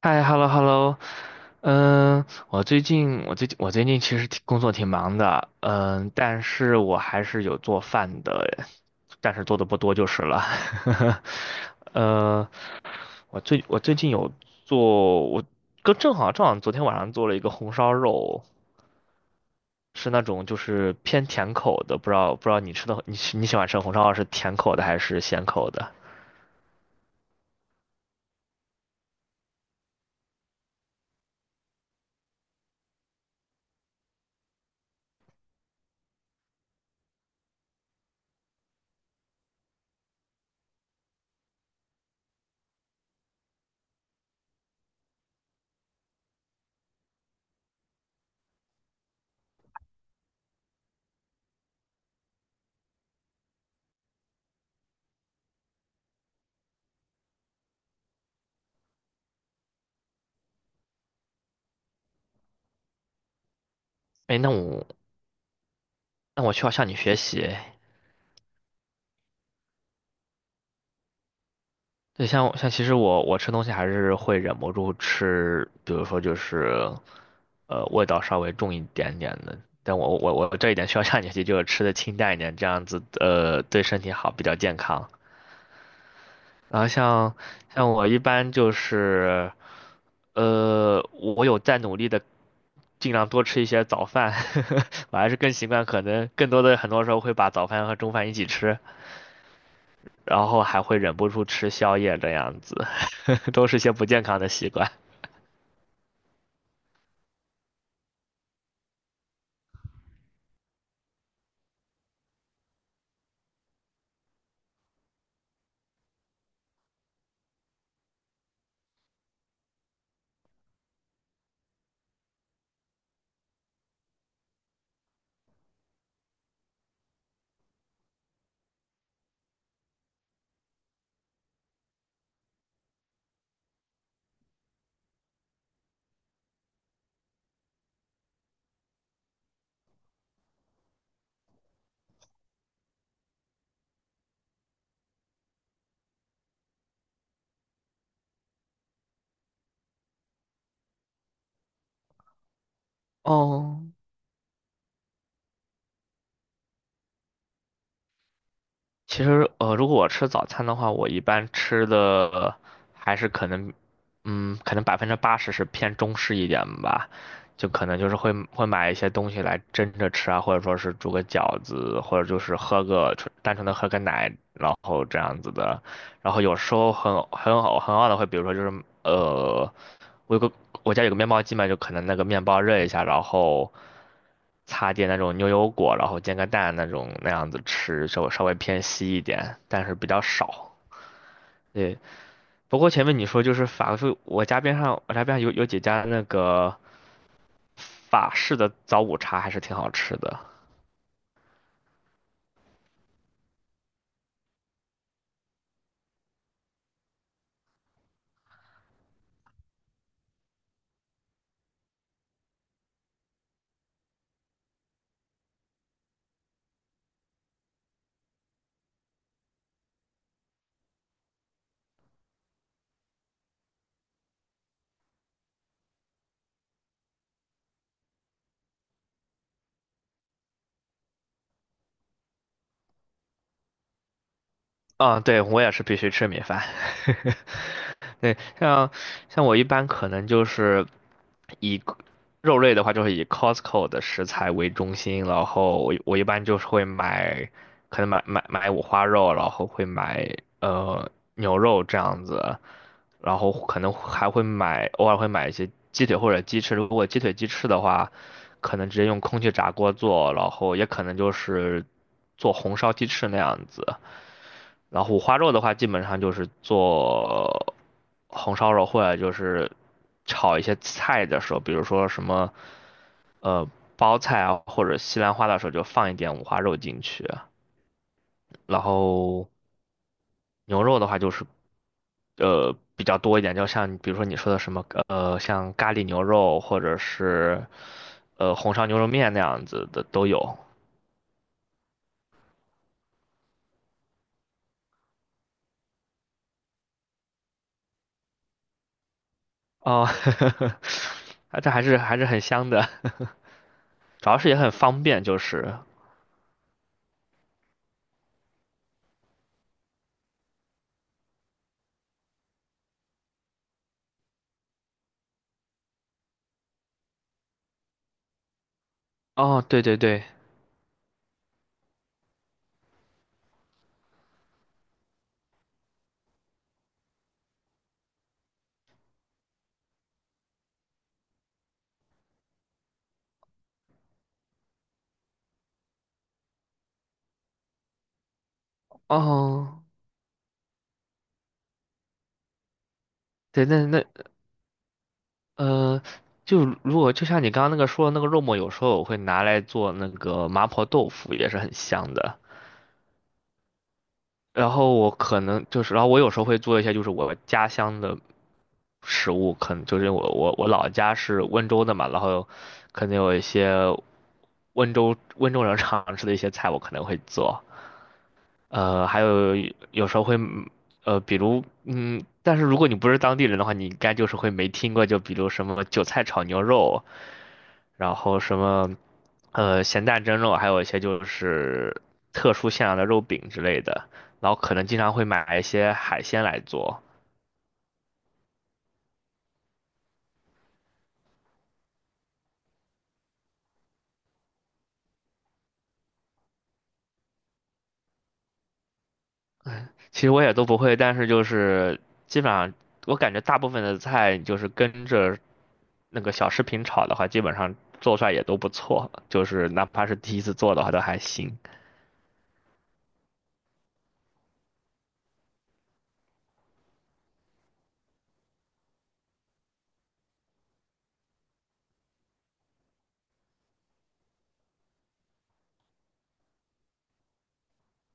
嗨，hello hello，嗯，我最近其实工作挺忙的，嗯，但是我还是有做饭的，但是做的不多就是了。呃，我最近有做，我跟正好昨天晚上做了一个红烧肉，是那种就是偏甜口的，不知道你吃的你喜欢吃红烧肉是甜口的还是咸口的？哎，那我需要向你学习。对，像其实我吃东西还是会忍不住吃，比如说就是，味道稍微重一点点的。但我这一点需要下决心，就是吃的清淡一点，这样子对身体好，比较健康。然后像我一般就是，我有在努力的尽量多吃一些早饭，我还是更习惯可能更多的很多时候会把早饭和中饭一起吃，然后还会忍不住吃宵夜这样子，都是些不健康的习惯。哦，其实，如果我吃早餐的话，我一般吃的还是可能80%是偏中式一点吧，就可能就是会买一些东西来蒸着吃啊，或者说是煮个饺子，或者就是喝个纯单纯的喝个奶，然后这样子的。然后有时候很好很好的会，比如说就是我有个我家有个面包机嘛，就可能那个面包热一下，然后擦点那种牛油果，然后煎个蛋那种那样子吃，稍微偏稀一点，但是比较少。对，不过前面你说就是法式，我家边上有几家那个法式的早午茶还是挺好吃的。嗯，对，我也是必须吃米饭。对，像我一般可能就是以肉类的话，就是以 Costco 的食材为中心，然后我一般就是会买，可能买五花肉，然后会买牛肉这样子，然后可能还会买，偶尔会买一些鸡腿或者鸡翅。如果鸡腿鸡翅的话，可能直接用空气炸锅做，然后也可能就是做红烧鸡翅那样子。然后五花肉的话，基本上就是做红烧肉，或者就是炒一些菜的时候，比如说什么呃包菜啊，或者西兰花的时候，就放一点五花肉进去。然后牛肉的话，就是比较多一点，就像比如说你说的什么像咖喱牛肉，或者是红烧牛肉面那样子的都有。哦，这还是很香的。主要是也很方便，就是哦，对对对，哦，对，那呃，就如果就像你刚刚那个说的那个肉末，有时候我会拿来做那个麻婆豆腐，也是很香的。然后我可能就是，然后我有时候会做一些就是我家乡的食物，可能就是我老家是温州的嘛，然后可能有一些温州人常吃的一些菜，我可能会做。还有有时候会，比如，但是如果你不是当地人的话，你应该就是会没听过，就比如什么韭菜炒牛肉，然后什么，咸蛋蒸肉，还有一些就是特殊馅料的肉饼之类的，然后可能经常会买一些海鲜来做。其实我也都不会，但是就是基本上，我感觉大部分的菜就是跟着那个小视频炒的话，基本上做出来也都不错，就是哪怕是第一次做的话都还行。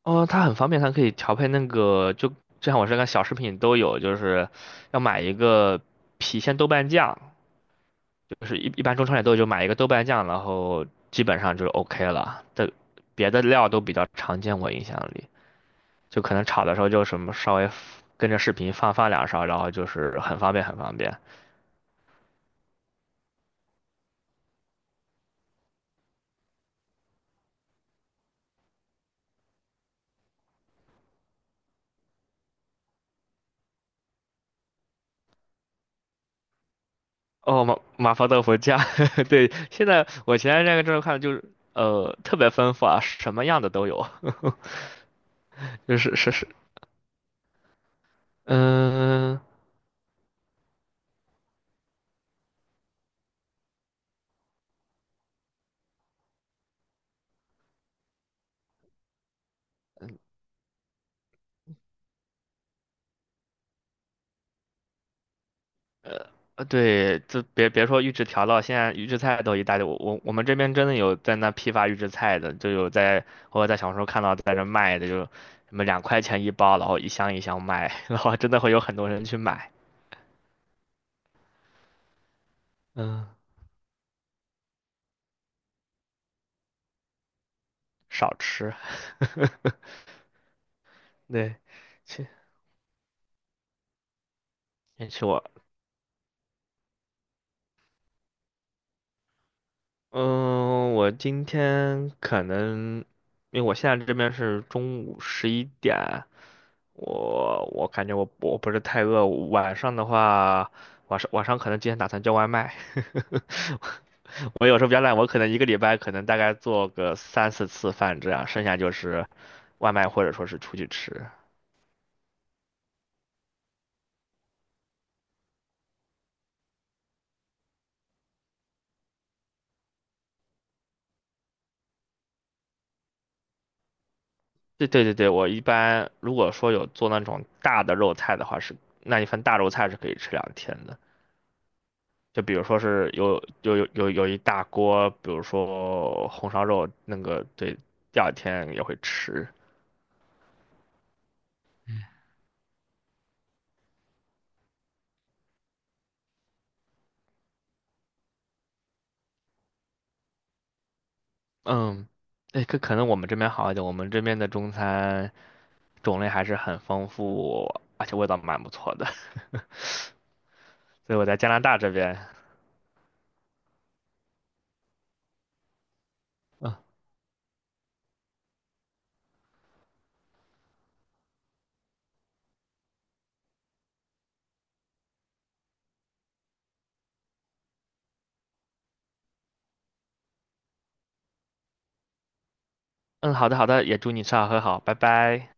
哦，它很方便，它可以调配那个，就像我这个小食品都有，就是要买一个郫县豆瓣酱，就是一般中超也都有，就买一个豆瓣酱，然后基本上就是 OK 了。的别的料都比较常见，我印象里。就可能炒的时候就什么稍微跟着视频放放2勺，然后就是很方便很方便。哦，麻婆豆腐酱，对，现在我前段时间这个看就是特别丰富啊，什么样的都有，就是是是，嗯、对，就别说预制调料，现在预制菜都一大堆。我们这边真的有在那批发预制菜的，就有在我在小红书看到在这卖的，就什么2块钱一包，然后一箱一箱卖，然后真的会有很多人去买。嗯，少吃。对，其其实我，嗯，我今天可能，因为我现在这边是中午11点，我感觉我不是太饿，晚上的话，晚上可能今天打算叫外卖，我有时候比较懒，我可能一个礼拜可能大概做个三四次饭这样，剩下就是外卖或者说是出去吃。对对对对，我一般如果说有做那种大的肉菜的话是，那一份大肉菜是可以吃2天的。就比如说是有一大锅，比如说红烧肉，那个对，第二天也会吃。嗯，对，可能我们这边好一点，我们这边的中餐种类还是很丰富，而且味道蛮不错的。所以我在加拿大这边，嗯嗯，好的好的，也祝你吃好喝好，拜拜。